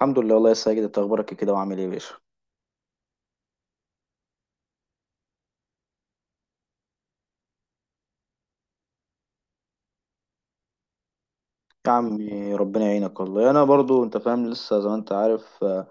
الحمد لله، والله يا ساجد، انت اخبارك إيه كده وعامل ايه يا باشا؟ يا عمي ربنا يعينك، والله انا برضو انت فاهم، لسه زي ما انت عارف،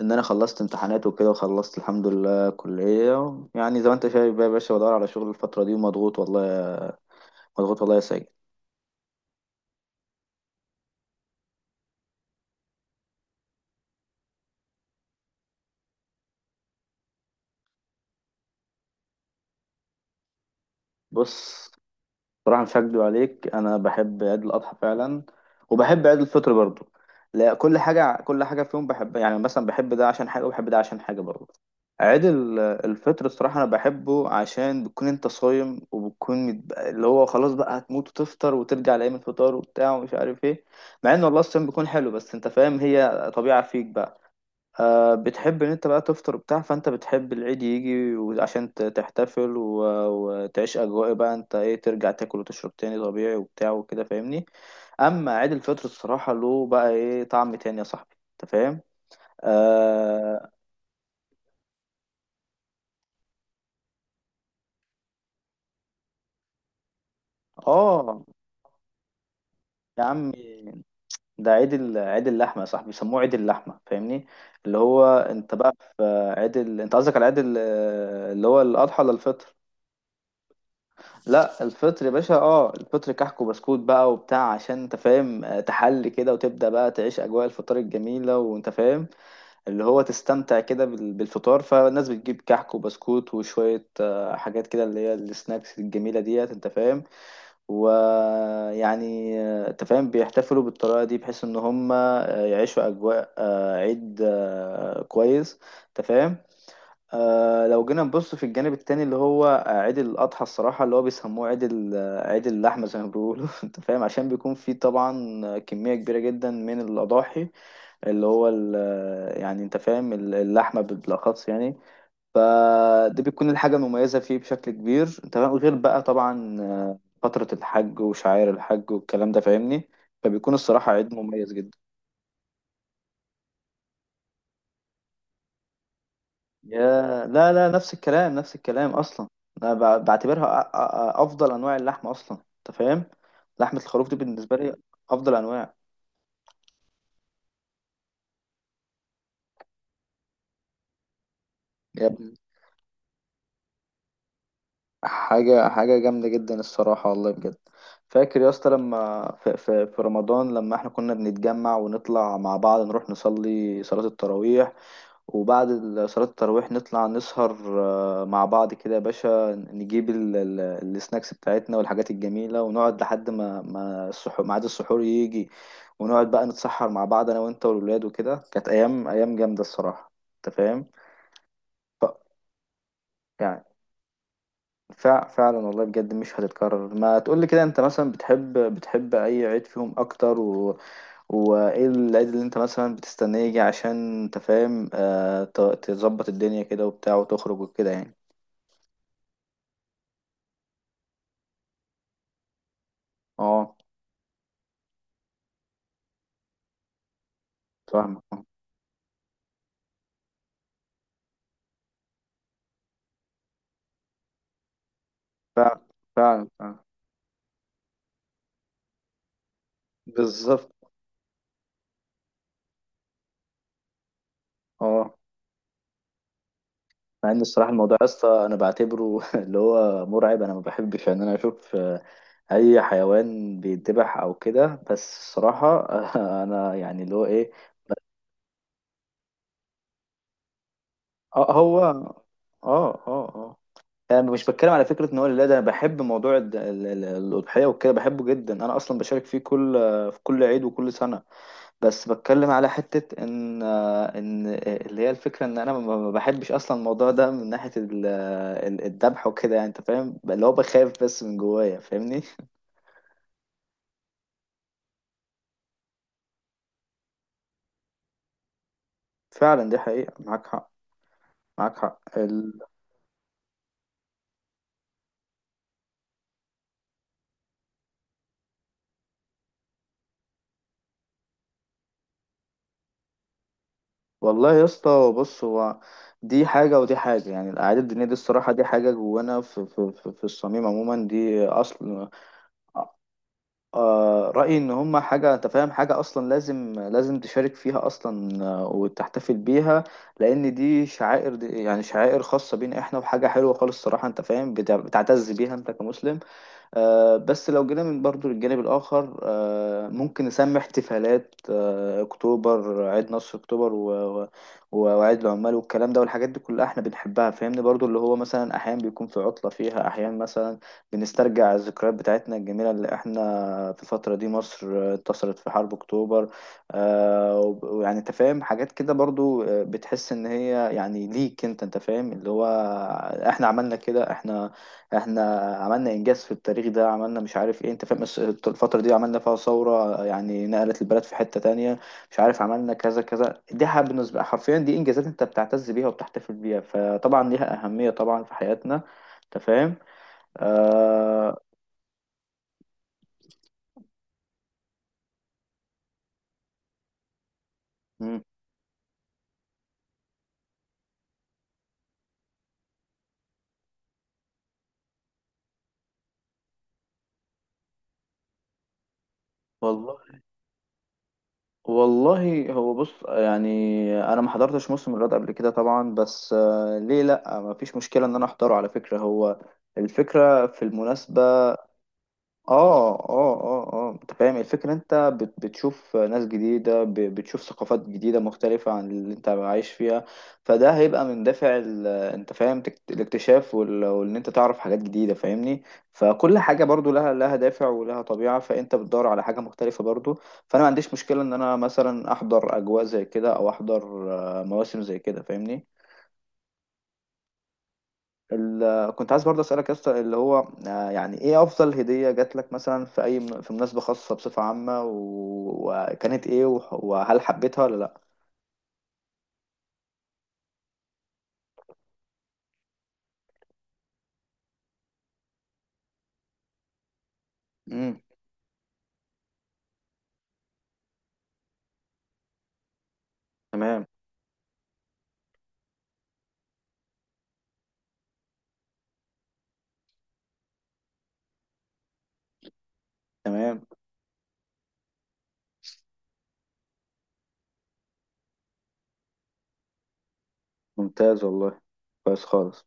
ان انا خلصت امتحانات وكده، وخلصت الحمد لله كلية. يعني زي ما انت شايف بقى يا باشا، بدور على شغل الفترة دي ومضغوط، مضغوط والله يا ساجد. بص، صراحة مش هكدب عليك، أنا بحب عيد الأضحى فعلا، وبحب عيد الفطر برضو. لا، كل حاجة كل حاجة فيهم بحبها. يعني مثلا بحب ده عشان حاجة وبحب ده عشان حاجة برضو. الفطر الصراحة أنا بحبه، عشان بتكون أنت صايم وبتكون اللي هو خلاص بقى هتموت وتفطر، وترجع لأيام الفطار وبتاع ومش عارف إيه. مع إن والله الصيام بيكون حلو، بس أنت فاهم هي طبيعة فيك بقى. بتحب ان انت بقى تفطر وبتاع، فانت بتحب العيد يجي عشان تحتفل وتعيش اجواء بقى، انت ايه، ترجع تاكل وتشرب تاني طبيعي وبتاع وكده، فاهمني. اما عيد الفطر الصراحة له بقى ايه طعم تاني يا صاحبي، انت فاهم. اه. آه، يا عم، ده عيد اللحمة يا صاحبي، بيسموه عيد اللحمة، فاهمني. اللي هو انت بقى انت قصدك على اللي هو الاضحى ولا الفطر؟ لا الفطر يا باشا. اه، الفطر كحك وبسكوت بقى وبتاع، عشان انت فاهم، تحلي كده وتبدأ بقى تعيش أجواء الفطار الجميلة، وانت فاهم اللي هو تستمتع كده بالفطار. فالناس بتجيب كحك وبسكوت، وشوية حاجات كده اللي هي السناكس الجميلة ديت، انت فاهم. ويعني انت فاهم بيحتفلوا بالطريقة دي، بحيث ان هم يعيشوا أجواء عيد كويس، انت فاهم. لو جينا نبص في الجانب التاني، اللي هو عيد الأضحى الصراحة، اللي هو بيسموه عيد ال- آه، عيد اللحمة زي ما بيقولوا أنت فاهم، عشان بيكون فيه طبعا كمية كبيرة جدا من الأضاحي. اللي هو ال- آه، يعني أنت فاهم اللحمة بالأخص يعني. فده بيكون الحاجة المميزة فيه بشكل كبير، أنت فاهم. غير بقى طبعا فترة الحج وشعائر الحج والكلام ده، فاهمني. فبيكون الصراحة عيد مميز جدا. يا لا، لا، نفس الكلام نفس الكلام اصلا. انا ب- بعتبرها أ- أ- افضل انواع اللحمه اصلا، انت فاهم. لحمه الخروف دي بالنسبه لي افضل انواع. يا ابني، حاجه حاجه جامده جدا الصراحه، والله بجد. فاكر يا اسطى لما في رمضان، لما احنا كنا بنتجمع ونطلع مع بعض نروح نصلي صلاه التراويح، وبعد صلاة التراويح نطلع نسهر مع بعض كده يا باشا، نجيب السناكس بتاعتنا والحاجات الجميلة، ونقعد لحد ما السحور ميعاد السحور يجي، ونقعد بقى نتسحر مع بعض، أنا وأنت والولاد وكده. كانت أيام أيام جامدة الصراحة، أنت فاهم؟ ف... يعني فعلا والله بجد، مش هتتكرر. ما تقولي كده، أنت مثلا بتحب أي عيد فيهم أكتر؟ وايه العيد اللي انت مثلا بتستناه يجي، عشان انت فاهم تظبط الدنيا كده وبتاع وتخرج وكده يعني. اه، فاهمك آه. فعلا، فعلا، فعلا، بالظبط، اه. مع ان الصراحه الموضوع يا اسطى انا بعتبره اللي هو مرعب، انا ما بحبش ان انا اشوف اي حيوان بيتذبح او كده، بس الصراحه انا يعني اللي هو ايه. اه، هو، اه، اه، اه. انا مش بتكلم على فكره ان هو، لا، ده انا بحب موضوع الاضحيه وكده، بحبه جدا. انا اصلا بشارك فيه في كل عيد وكل سنه. بس بتكلم على حتة ان اللي هي الفكرة ان انا ما بحبش اصلا الموضوع ده، من ناحية الذبح وكده يعني، انت فاهم، اللي هو بخاف بس من جوايا، فاهمني فعلا، دي حقيقة، معاك حق، معاك حق. والله يا اسطى، بص هو، دي حاجة ودي حاجة. يعني الأعياد الدينية دي الصراحة دي حاجة جوانا في الصميم عموما، دي أصل. رأيي إن هما حاجة، أنت فاهم، حاجة أصلا لازم لازم تشارك فيها أصلا، وتحتفل بيها، لأن دي شعائر، دي يعني شعائر خاصة بينا إحنا، وحاجة حلوة خالص الصراحة، أنت فاهم، بتعتز بيها أنت كمسلم. بس لو جينا من برضو للجانب الآخر، ممكن نسمي احتفالات أكتوبر، عيد نصر أكتوبر وعيد العمال والكلام ده والحاجات دي كلها احنا بنحبها، فاهمني. برضو اللي هو مثلا أحيانا بيكون في عطلة فيها، أحيانا مثلا بنسترجع الذكريات بتاعتنا الجميلة، اللي احنا في الفترة دي مصر انتصرت في حرب أكتوبر، ويعني أنت فاهم، حاجات كده برضو بتحس إن هي يعني ليك أنت فاهم اللي هو احنا عملنا كده، احنا عملنا انجاز في التاريخ ده، عملنا مش عارف ايه، انت فاهم. بس الفتره دي عملنا فيها ثوره، يعني نقلت البلد في حته تانية، مش عارف عملنا كذا كذا. دي بالنسبه حرفيا دي انجازات، انت بتعتز بيها وبتحتفل بيها، فطبعا ليها اهميه طبعا في حياتنا، انت فاهم. آه... مم. والله، والله هو بص يعني، انا ما حضرتش موسم الرياض قبل كده طبعا، بس ليه لا، ما فيش مشكله ان انا احضره، على فكره، هو الفكرة في المناسبة. اه، اه، اه، اه، انت فاهم الفكرة. انت بتشوف ناس جديدة، بتشوف ثقافات جديدة مختلفة عن اللي انت عايش فيها. فده هيبقى من دافع انت فاهم الاكتشاف وان انت تعرف حاجات جديدة، فاهمني. فكل حاجة برضو لها دافع ولها طبيعة، فانت بتدور على حاجة مختلفة برضو. فانا ما عنديش مشكلة ان انا مثلا احضر اجواء زي كده، او احضر مواسم زي كده، فاهمني. كنت عايز برضه اسالك يا اسطى اللي هو يعني ايه افضل هديه جات لك مثلا في اي في مناسبه خاصه بصفه عامه، وكانت ايه، وهل حبيتها ولا لا؟ امم تمام، تمام، ممتاز والله، كويس خالص.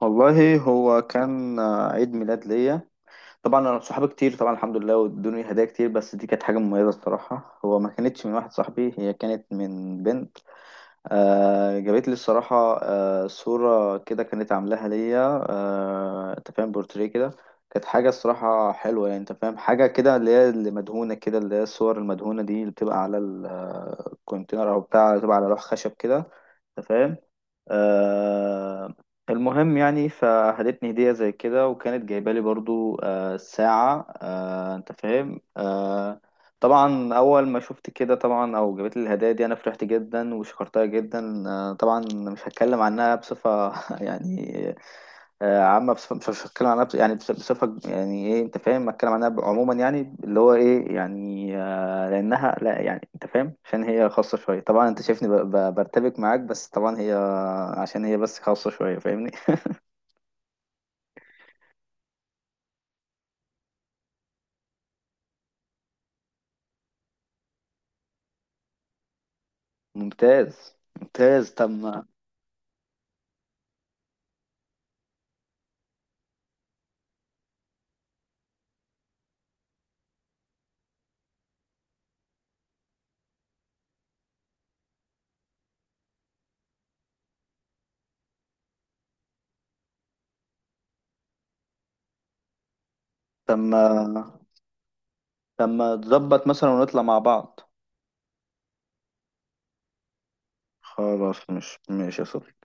والله هو كان عيد ميلاد ليا، طبعا انا صحابي كتير طبعا الحمد لله، وادوني هدايا كتير. بس دي كانت حاجه مميزه الصراحه، هو ما كانتش من واحد صاحبي، هي كانت من بنت. جابت لي الصراحة صورة كده كانت عاملاها ليا، انت فاهم بورتريه كده. كانت حاجة الصراحة حلوة يعني، انت فاهم، حاجة كده اللي هي اللي مدهونة كده، اللي هي الصور المدهونة دي اللي بتبقى على الكونتينر او بتاع، بتبقى على لوح خشب كده، انت فاهم. آه، المهم يعني فهدتني هدية زي كده، وكانت جايبة لي برضو ساعة، انت فاهم. طبعا اول ما شفت كده طبعا او جابت لي الهدايا دي، انا فرحت جدا وشكرتها جدا. طبعا مش هتكلم عنها بصفه يعني عامه. بصفه مش هتكلم عنها بصفه يعني ايه، انت فاهم، هتكلم عنها عموما، يعني اللي هو ايه يعني لانها لا، يعني انت فاهم، عشان هي خاصه شويه طبعا، انت شايفني برتبك معاك، بس طبعا هي عشان هي بس خاصه شويه، فاهمني. ممتاز، ممتاز، تم، تم، تم، تظبط مثلا ونطلع مع بعض. خلاص، مش ماشي يا صديقي.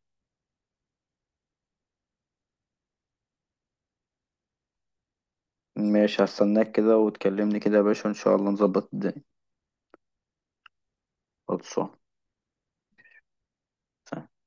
ماشي، هستناك كده وتكلمني كده يا باشا، ان شاء الله نظبط الدنيا. خلصان. سلام.